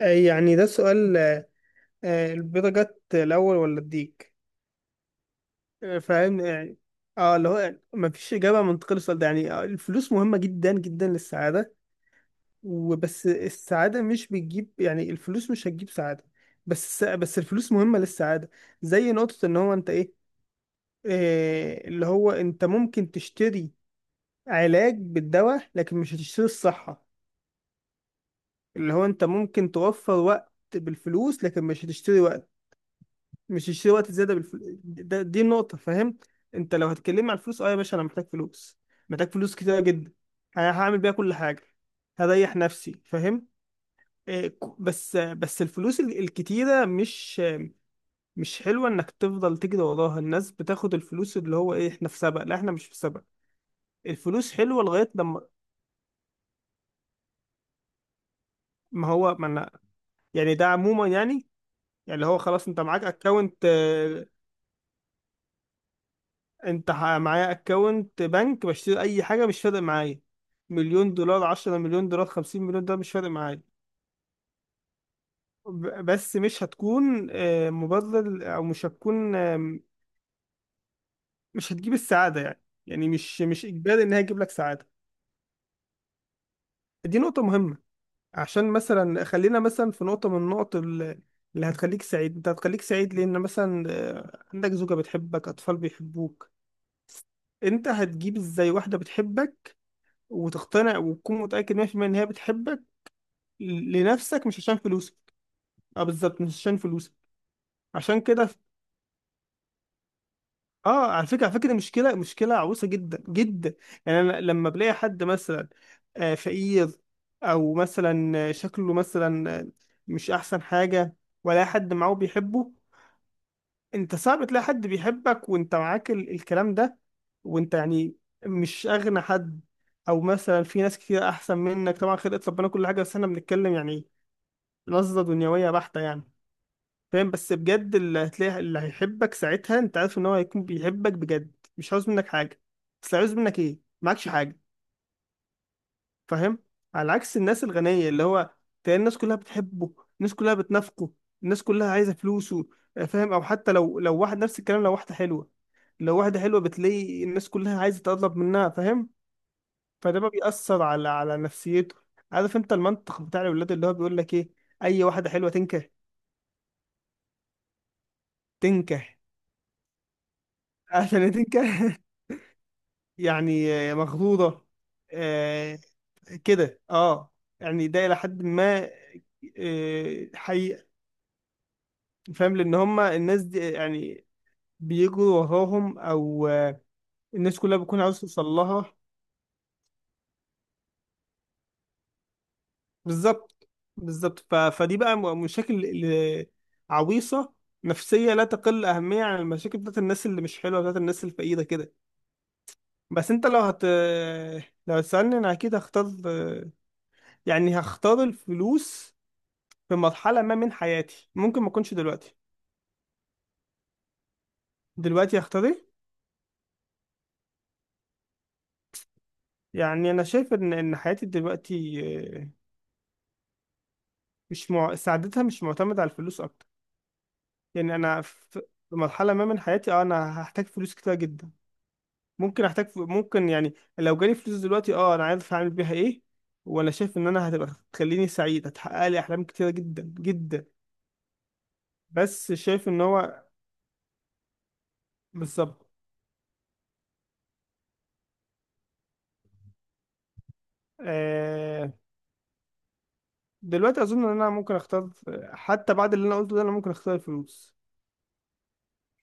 يعني ده السؤال البيضة جت الأول ولا الديك؟ فاهم يعني. اه اللي هو ما فيش إجابة منطقية للسؤال ده يعني الفلوس مهمة جدا جدا للسعادة، وبس السعادة مش بتجيب يعني الفلوس مش هتجيب سعادة. بس الفلوس مهمة للسعادة. زي نقطة إن هو أنت إيه. اللي هو أنت ممكن تشتري علاج بالدواء لكن مش هتشتري الصحة. اللي هو أنت ممكن توفر وقت بالفلوس لكن مش هتشتري وقت، مش يشتري وقت زياده دي النقطه، فاهم؟ انت لو هتكلمني عن الفلوس، اه يا باشا انا محتاج فلوس، محتاج فلوس كتير جدا، انا هعمل بيها كل حاجه، هريح نفسي فاهم. إيه، بس الفلوس الكتيره مش حلوه انك تفضل تجري وراها. الناس بتاخد الفلوس اللي هو ايه، احنا في سبق؟ لا احنا مش في سبق. الفلوس حلوه لغايه لما ما هو ما أنا- يعني ده عموما يعني، يعني اللي هو خلاص انت معاك اكونت. معايا اكونت بنك، بشتري اي حاجه مش فارق معايا، مليون دولار، عشرة مليون دولار، خمسين مليون دولار مش فارق معايا. بس مش هتكون مبرر، او مش هتكون مش هتجيب السعاده يعني. يعني مش اجباري ان هي تجيب لك سعاده. دي نقطه مهمه. عشان مثلا خلينا مثلا في نقطه من اللي هتخليك سعيد. انت هتخليك سعيد لان مثلا عندك زوجه بتحبك، اطفال بيحبوك. انت هتجيب ازاي واحده بتحبك، وتقتنع وتكون متاكد 100% ان هي بتحبك لنفسك مش عشان فلوسك؟ اه بالظبط، مش عشان فلوسك. عشان كده، اه، على فكره دي مشكله عويصه جدا جدا. يعني انا لما بلاقي حد مثلا فقير، او مثلا شكله مثلا مش احسن حاجه، ولا حد معاه بيحبه. انت صعب تلاقي حد بيحبك وانت معاك الكلام ده، وانت يعني مش اغنى حد، او مثلا في ناس كتير احسن منك. طبعا خلقت ربنا كل حاجه، بس احنا بنتكلم يعني نظره دنيويه بحته يعني. فاهم؟ بس بجد، اللي هتلاقي اللي هيحبك ساعتها انت عارف ان هو هيكون بيحبك بجد. مش عاوز منك حاجه، بس عاوز منك ايه، معكش حاجه. فاهم؟ على عكس الناس الغنيه اللي هو تلاقي الناس كلها بتحبه، الناس كلها بتنافقه، الناس كلها عايزه فلوسه. فاهم؟ او حتى لو واحد نفس الكلام، لو واحده حلوه، لو واحده حلوه بتلاقي الناس كلها عايزه تقرب منها فاهم. فده بقى بيأثر على نفسيته. عارف انت المنطق بتاع الولاد اللي هو بيقول لك ايه، اي واحده حلوه تنكح. تنكح. عشان تنكح. يعني مخضوضة آه، كده اه. يعني ده إلى حد ما حقيقة. فاهم؟ لأن هما الناس دي يعني بيجروا وراهم، أو الناس كلها بتكون عاوزة توصل لها. بالظبط، بالظبط. فدي بقى، مشاكل عويصة، نفسية، لا تقل أهمية عن المشاكل بتاعت الناس اللي مش حلوة، بتاعت الناس الفقيرة كده. بس أنت لو لو هتسألني، أنا أكيد هختار يعني هختار الفلوس في مرحلة ما من حياتي. ممكن ما اكونش دلوقتي، دلوقتي اختار ايه؟ يعني انا شايف ان حياتي دلوقتي آه، مش مع... سعادتها مش معتمدة على الفلوس اكتر. يعني انا في، في مرحلة ما من حياتي اه انا هحتاج فلوس كتير جدا. ممكن احتاج ممكن يعني لو جالي فلوس دلوقتي، اه انا عارف هعمل بيها ايه. وانا شايف ان انا هتبقى، تخليني سعيد، هتحقق لي احلام كتيرة جدا جدا. بس شايف ان هو، بالظبط. آه... دلوقتي اظن ان انا ممكن اختار حتى بعد اللي انا قلته ده انا ممكن اختار الفلوس.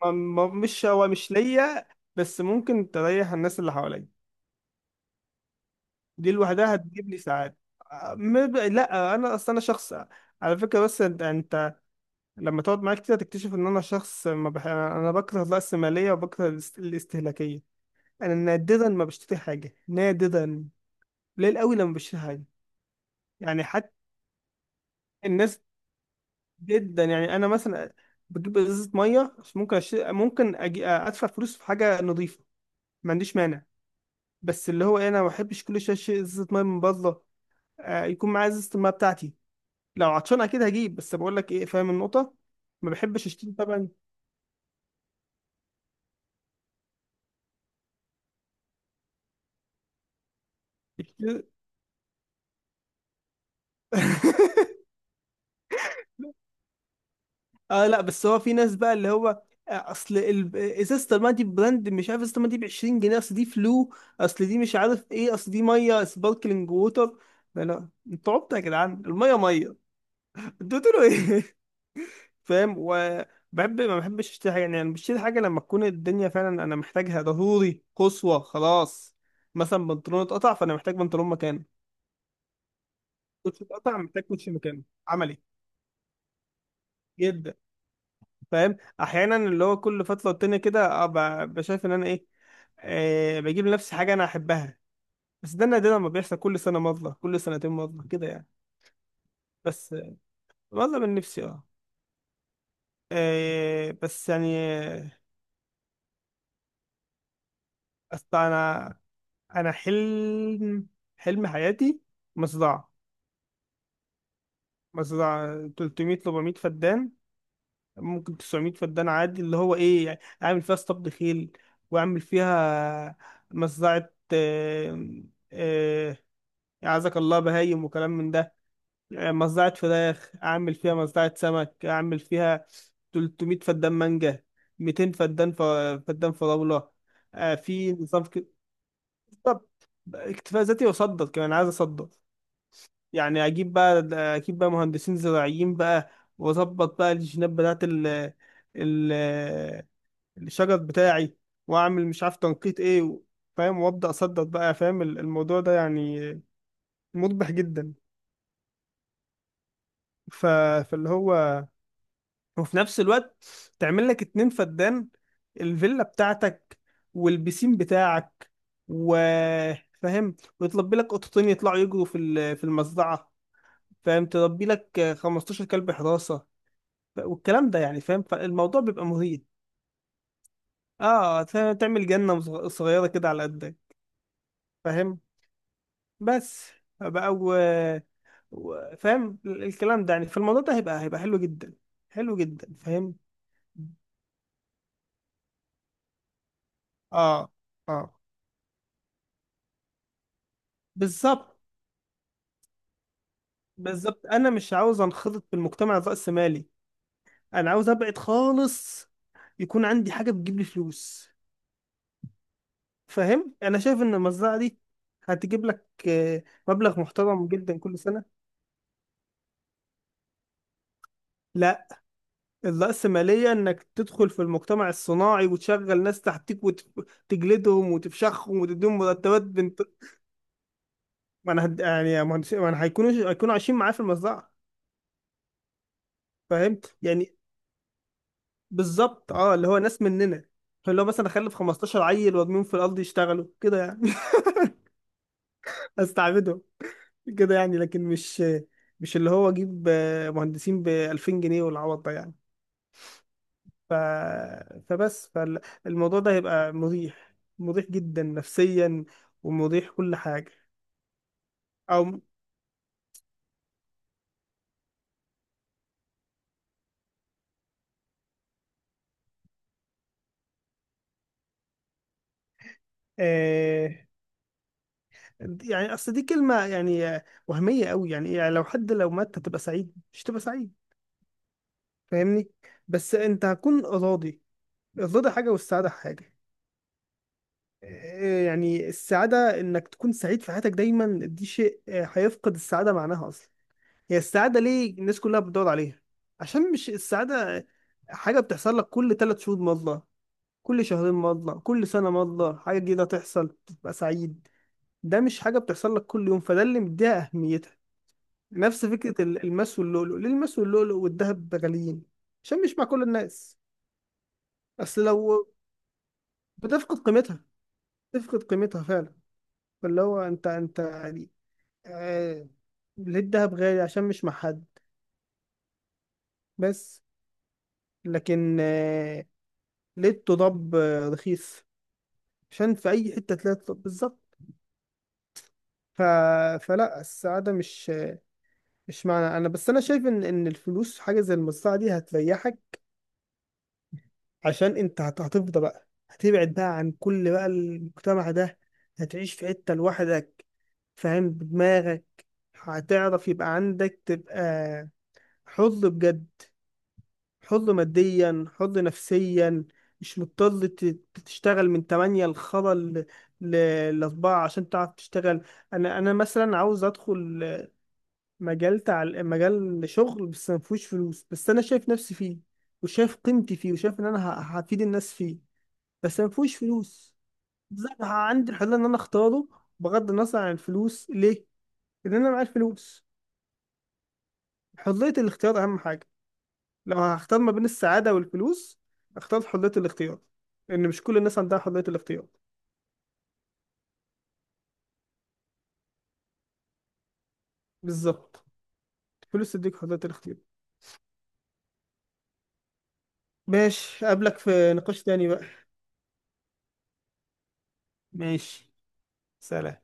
مش هو، مش ليا، بس ممكن تريح الناس اللي حواليا. دي لوحدها هتجيب لي ساعات. لا انا اصلا انا شخص، على فكره، بس انت لما تقعد معايا كتير هتكتشف ان انا شخص ما بح... انا بكره الرأسماليه، وبكره الاستهلاكيه. انا نادرا ما بشتري حاجه، نادرا، قليل قوي لما بشتري حاجه. يعني حتى الناس، جدا يعني، انا مثلا بجيب ازازه ميه، مش ممكن أشتري، ممكن ادفع فلوس في حاجه نظيفه، ما عنديش مانع. بس اللي هو إيه، انا ما بحبش كل شويه شيء ازازه ميه من بره. يكون معايا ازازه الميه بتاعتي. لو عطشان اكيد هجيب، بس بقول لك ايه، فاهم النقطه. ما بحبش اشتري طبعا. اشتري- اه لا، بس هو في ناس بقى اللي هو اصل ازازه الميه دي براند، مش عارف، ازازه الميه دي ب 20 جنيه، اصل دي فلو، اصل دي مش عارف ايه، اصل دي ميه سباركلينج ووتر. لا لا انتوا عبط يا جدعان، الميه ميه، اديتوا له ايه؟ فاهم. وبحب، ما بحبش اشتري حاجه يعني. انا بشتري حاجه لما تكون الدنيا فعلا انا محتاجها ضروري قصوى خلاص. مثلا بنطلون اتقطع، فانا محتاج بنطلون مكانه. كوتشي اتقطع، محتاج كوتشي مكانه. عملي جدا. فاهم؟ احيانا اللي هو كل فتره والتانيه كده بشايف ان انا ايه، بجيب لنفسي حاجه انا احبها. بس ده نادرا ما بيحصل، كل سنه مره، كل سنتين مره كده يعني. بس مره من نفسي اه. بس يعني أصل أنا، انا حلم حلم حياتي مصدعة. 300 400 فدان، ممكن 900 فدان عادي. اللي هو ايه يعني، اعمل فيها اسطبل خيل، واعمل فيها مصدعة آه، اعزك الله بهايم وكلام من ده. مصدعة فراخ اعمل فيها، مصدعة سمك اعمل فيها، 300 فدان مانجا، 200 فدان فدان فراولة. في نظام كده. بالظبط. اكتفاء ذاتي، واصدر كمان، عايز اصدر. يعني اجيب بقى مهندسين زراعيين بقى، واظبط بقى الجينات بتاعت ال ال الشجر بتاعي، واعمل مش عارف تنقيط ايه فاهم. وابدا اصدر بقى. فاهم الموضوع ده يعني مربح جدا. ف... فاللي هو، وفي نفس الوقت، تعمل لك اتنين فدان، الفيلا بتاعتك، والبيسين بتاعك، و فاهم، ويطلب لك قطتين يطلعوا يجروا في المزرعة. فاهم، تربي لك 15 كلب حراسة، والكلام ده يعني. فاهم؟ فالموضوع بيبقى مهيب. اه فاهم؟ تعمل جنة صغيرة كده على قدك. فاهم. بس بقى فاهم، الكلام ده يعني، فالموضوع ده هيبقى، حلو جدا. حلو جدا فاهم. اه، اه، بالظبط، بالظبط. انا مش عاوز انخرط في المجتمع الرأسمالي، انا عاوز ابعد خالص. يكون عندي حاجة بتجيب لي فلوس. فاهم؟ انا شايف ان المزرعة دي هتجيب لك مبلغ محترم جدا كل سنة. لا، الرأسمالية إنك تدخل في المجتمع الصناعي وتشغل ناس تحتك، وتجلدهم، وتفشخهم، وتديهم مرتبات بنت. ما أنا هد... يعني ما أنا، هيكونوا عايشين معاه في المزرعة. فهمت؟ يعني بالظبط، أه اللي هو ناس مننا. اللي هو مثلا أخلف 15 عيل وأرميهم في الأرض يشتغلوا كده يعني. أستعبدهم كده يعني. لكن مش اللي هو أجيب مهندسين ب 2000 جنيه والعوض ده يعني. ف... فبس، فالموضوع ده هيبقى مريح، مريح جدا نفسيا، ومريح كل حاجة. أو آه... يعني أصل دي كلمة يعني وهمية قوي يعني، إيه؟ يعني لو مات، هتبقى سعيد؟ مش هتبقى سعيد. فاهمني. بس أنت هتكون راضي. الرضا حاجة والسعادة حاجة. يعني السعادة إنك تكون سعيد في حياتك دايما، دي شيء هيفقد السعادة معناها أصلا. هي السعادة ليه الناس كلها بتدور عليها؟ عشان، مش السعادة حاجة بتحصل لك كل ثلاث شهور مرة، كل شهرين مرة، كل سنة مرة حاجة جديدة تحصل تبقى سعيد. ده مش حاجة بتحصل لك كل يوم، فده اللي مديها أهميتها. نفس فكرة الماس واللؤلؤ. ليه الماس واللؤلؤ والذهب غاليين؟ عشان مش مع كل الناس. أصل لو، بتفقد قيمتها تفقد قيمتها فعلا. فاللي هو أنت، يعني آه ليه الذهب غالي؟ عشان مش مع حد، بس. لكن لقيت ضب رخيص، عشان في اي حته تلاقي. طب بالظبط. ف... فلا، السعاده مش، مش معنى، انا بس انا شايف ان الفلوس حاجه زي المزرعه دي هتريحك. عشان انت هتفضى بقى، هتبعد بقى عن كل بقى المجتمع ده، هتعيش في حته لوحدك، فاهم، بدماغك. هتعرف، يبقى عندك، تبقى حر بجد، حر ماديا، حر نفسيا. مش مضطر تشتغل من 8 لخلا ل لأربعة، عشان تعرف تشتغل. أنا مثلا عاوز أدخل مجال شغل بس ما فيهوش فلوس، بس أنا شايف نفسي فيه، وشايف قيمتي فيه، وشايف إن أنا هفيد الناس فيه، بس ما فيهوش فلوس. زي ما عندي الحرية إن أنا أختاره، بغض النظر عن الفلوس. ليه؟ لأن أنا معايا الفلوس. حرية الاختيار أهم حاجة. لو هختار ما بين السعادة والفلوس، اختار حرية الاختيار، لأن مش كل الناس عندها حرية الاختيار. بالظبط. الفلوس تديك حرية الاختيار. ماشي، أقابلك في نقاش تاني بقى. ماشي. سلام.